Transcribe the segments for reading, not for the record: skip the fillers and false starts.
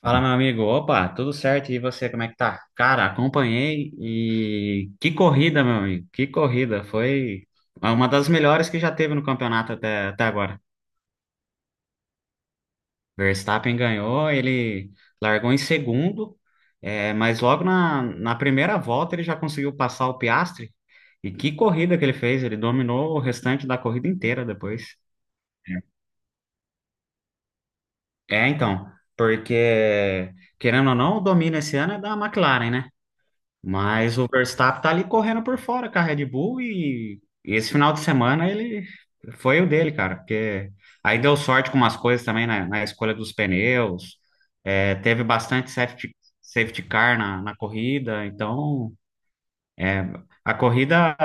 Fala, meu amigo. Opa, tudo certo? E você, como é que tá? Cara, acompanhei e que corrida, meu amigo. Que corrida. Foi uma das melhores que já teve no campeonato até agora. Verstappen ganhou, ele largou em segundo, é, mas logo na primeira volta ele já conseguiu passar o Piastri. E que corrida que ele fez! Ele dominou o restante da corrida inteira depois. É, então, porque querendo ou não, o domínio esse ano é da McLaren, né? Mas o Verstappen tá ali correndo por fora com a Red Bull e esse final de semana ele foi o dele, cara, porque aí deu sorte com umas coisas também na escolha dos pneus, é, teve bastante safety car na corrida, então é, a corrida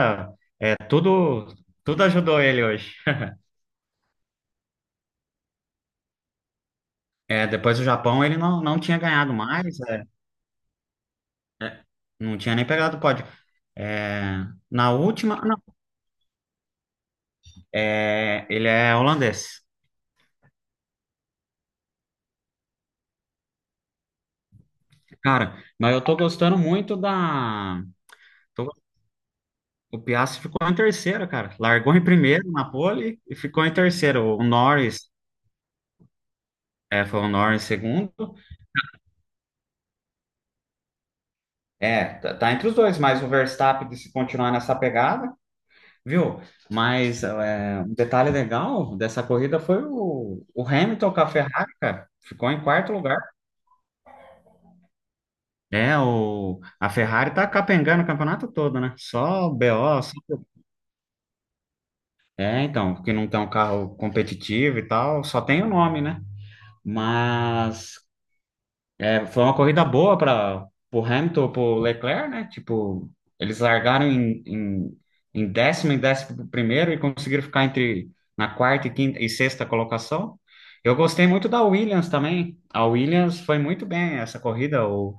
é tudo, tudo ajudou ele hoje. É, depois do Japão ele não, não tinha ganhado mais, é, não tinha nem pegado o pódio. É, na última, não, é, ele é holandês. Cara, mas eu tô gostando muito da. tô- O Piastri ficou em terceiro, cara. Largou em primeiro na pole e ficou em terceiro. O Norris, é, foi o Norris em segundo. É, tá entre os dois, mas o Verstappen, se continuar nessa pegada, viu? Mas é, um detalhe legal dessa corrida foi o Hamilton com a Ferrari, cara. Ficou em quarto lugar. É, o, a Ferrari tá capengando o campeonato todo, né? Só BO, só é, então, porque não tem um carro competitivo e tal, só tem o nome, né? Mas é, foi uma corrida boa para o Hamilton, para o Leclerc, né? Tipo, eles largaram em décimo e décimo primeiro e conseguiram ficar entre na quarta e quinta e sexta colocação. Eu gostei muito da Williams também. A Williams foi muito bem essa corrida. O,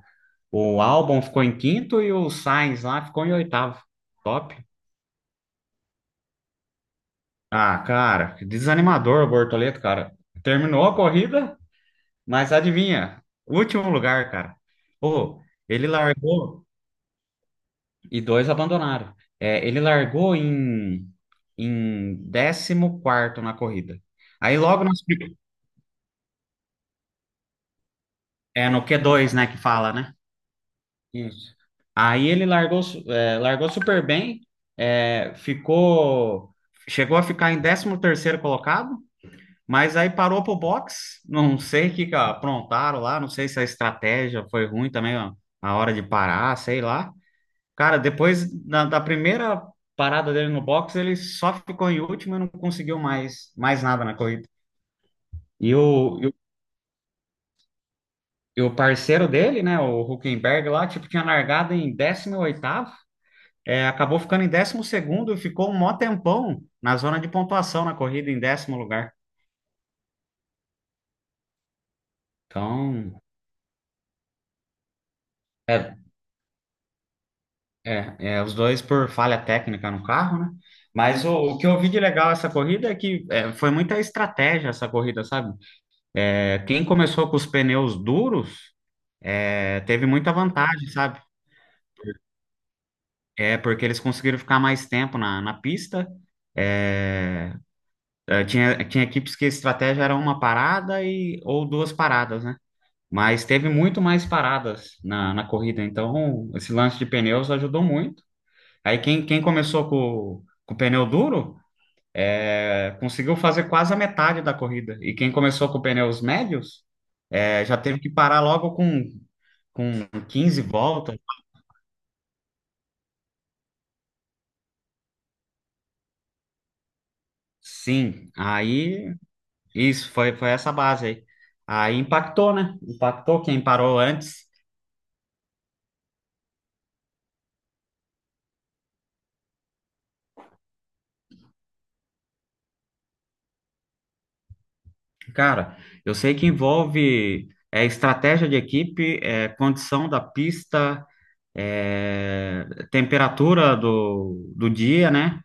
o Albon ficou em quinto e o Sainz lá ficou em oitavo. Top. Ah, cara, que desanimador o Bortoleto, cara. Terminou a corrida, mas adivinha? Último lugar, cara. Pô, ele largou e dois abandonaram. É, ele largou em décimo quarto na corrida. Aí logo nas, é no q dois, né, que fala, né? Isso. Aí ele largou super bem, é, ficou, chegou a ficar em décimo terceiro colocado, mas aí parou pro boxe, não sei o que que aprontaram lá, não sei se a estratégia foi ruim também, ó, a hora de parar, sei lá. Cara, depois da primeira parada dele no boxe, ele só ficou em último e não conseguiu mais, mais nada na corrida. E o, e o, e o parceiro dele, né, o Huckenberg lá, tipo, tinha largado em décimo oitavo, é, acabou ficando em décimo segundo e ficou um mó tempão na zona de pontuação na corrida, em décimo lugar. Então, é, é, é, os dois por falha técnica no carro, né? Mas o que eu vi de legal essa corrida é que é, foi muita estratégia essa corrida, sabe? É, quem começou com os pneus duros é, teve muita vantagem, sabe? É porque eles conseguiram ficar mais tempo na pista. É, é, tinha equipes que a estratégia era uma parada e, ou duas paradas, né? Mas teve muito mais paradas na corrida, então esse lance de pneus ajudou muito. Aí quem começou com o pneu duro é, conseguiu fazer quase a metade da corrida. E quem começou com pneus médios é, já teve que parar logo com quinze voltas. Sim, aí isso foi, foi essa base aí. Aí impactou, né? Impactou quem parou antes. Cara, eu sei que envolve é, estratégia de equipe, é, condição da pista, é, temperatura do dia, né?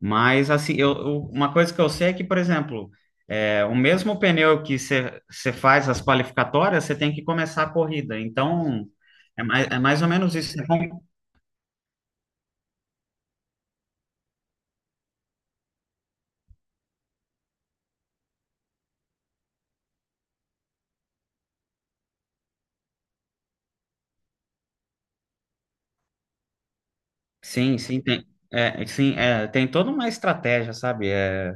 Mas, assim, uma coisa que eu sei é que, por exemplo, é, o mesmo pneu que você faz as qualificatórias, você tem que começar a corrida. Então, é mais ou menos isso. Sim, sim, tem, é, sim, é, tem toda uma estratégia, sabe? É,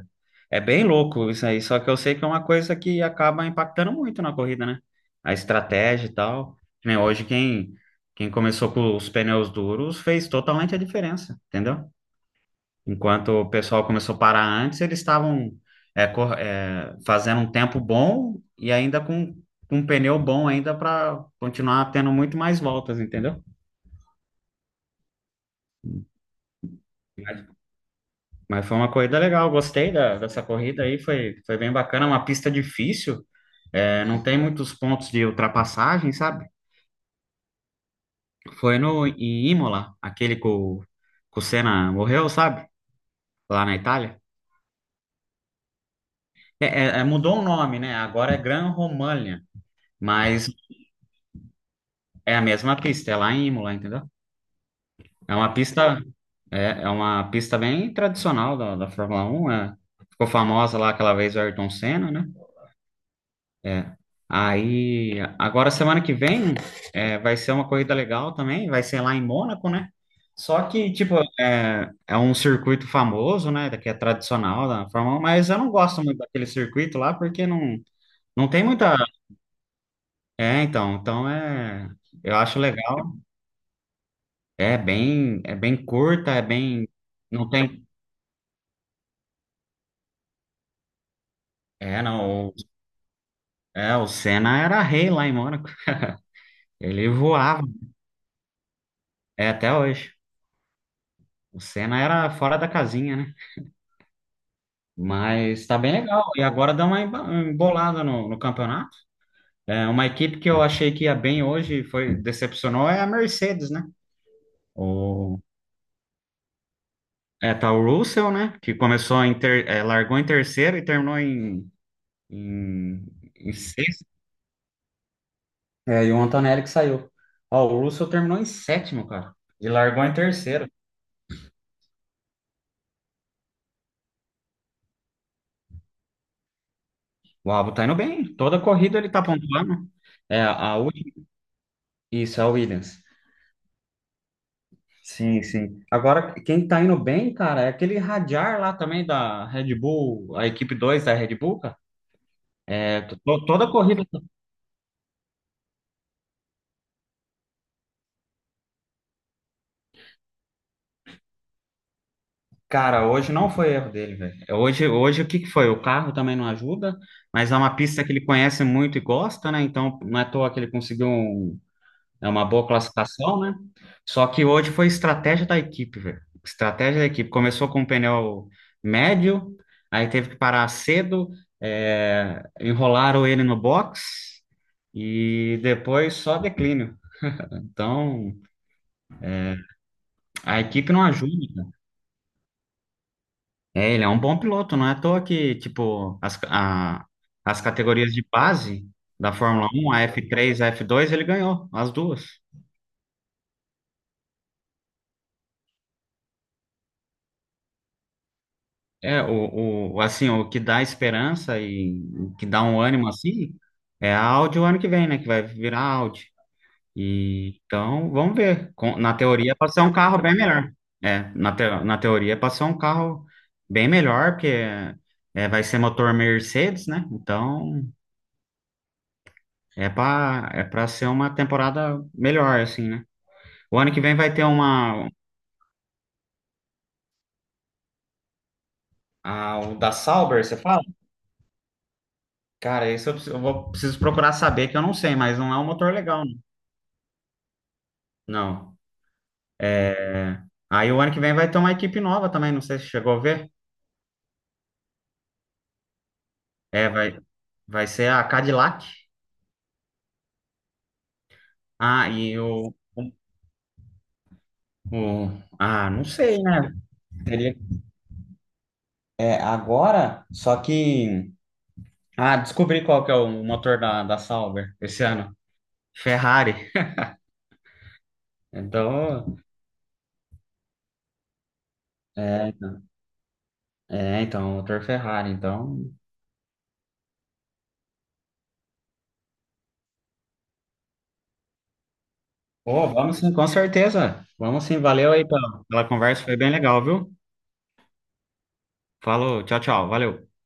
é bem louco isso aí. Só que eu sei que é uma coisa que acaba impactando muito na corrida, né? A estratégia e tal. Que nem hoje, quem começou com os pneus duros fez totalmente a diferença, entendeu? Enquanto o pessoal começou a parar antes, eles estavam é, cor- é, fazendo um tempo bom e ainda com um pneu bom ainda para continuar tendo muito mais voltas, entendeu? Mas, mas foi uma corrida legal, gostei dessa corrida aí, foi, foi bem bacana, é uma pista difícil, é, não tem muitos pontos de ultrapassagem, sabe? Foi no em Imola, aquele que o Senna morreu, sabe? Lá na Itália. É, mudou o nome, né? Agora é Gran Romagna. Mas é a mesma pista, é lá em Imola, entendeu? É uma pista, é, é uma pista bem tradicional da Fórmula Um, é. Ficou famosa lá aquela vez o Ayrton Senna, né? É. Aí, agora semana que vem é, vai ser uma corrida legal também, vai ser lá em Mônaco, né? Só que, tipo, é, é um circuito famoso, né? Que é tradicional da Fórmula 1, mas eu não gosto muito daquele circuito lá porque não, não tem muita. É, então, então é. Eu acho legal. É bem curta, é bem, não tem, é não, o- é o Senna era rei lá em Mônaco, ele voava, é até hoje. O Senna era fora da casinha, né? Mas tá bem legal. E agora dá uma emba- embolada no campeonato. É uma equipe que eu achei que ia bem hoje, foi decepcionou é a Mercedes, né? O é tá o Russell, né? Que começou em ter, é, largou em terceiro e terminou em em, em sexto. É, e o Antonelli que saiu. Ó, o Russell terminou em sétimo, cara. E largou em terceiro. O Albon tá indo bem. Toda corrida ele tá pontuando. É, a última. Isso, é o Williams. Sim, sim. Agora, quem tá indo bem, cara, é aquele Radjar lá também da Red Bull, a equipe 2 da Red Bull, cara. É, toda corrida. Cara, hoje não foi erro dele, velho. É, hoje, hoje o que que foi? O carro também não ajuda, mas é uma pista que ele conhece muito e gosta, né? Então, não é à toa que ele conseguiu um é uma boa classificação, né? Só que hoje foi estratégia da equipe, velho. Estratégia da equipe. Começou com um pneu médio, aí teve que parar cedo, é, enrolaram ele no box e depois só declínio. Então, a equipe não ajuda, cara. É, ele é um bom piloto, não é à toa que, tipo, as categorias de base da Fórmula Um, a F3, a F2, ele ganhou as duas. É, o, assim, o que dá esperança e o que dá um ânimo assim é a Audi o ano que vem, né? Que vai virar Audi. E, então, vamos ver. Com- na teoria, pode ser um carro bem melhor. É, na teoria, pode ser um carro bem melhor, porque é, vai ser motor Mercedes, né? Então, é para é para ser uma temporada melhor, assim, né? O ano que vem vai ter uma. A, o da Sauber, você fala? Cara, isso eu, preciso- eu vou, preciso procurar saber, que eu não sei, mas não é um motor legal. Não. É, aí o ano que vem vai ter uma equipe nova também, não sei se chegou a ver. É, vai ser a Cadillac. Ah, e o... Ah, não sei, né? Teria... É, agora, só que... Ah, descobri qual que é o motor da Sauber esse ano. Ferrari. Então, é, é, então, motor Ferrari. Então, pô, vamos sim, com certeza. Vamos sim, valeu aí pela conversa, foi bem legal, viu? Falou, tchau, tchau, valeu.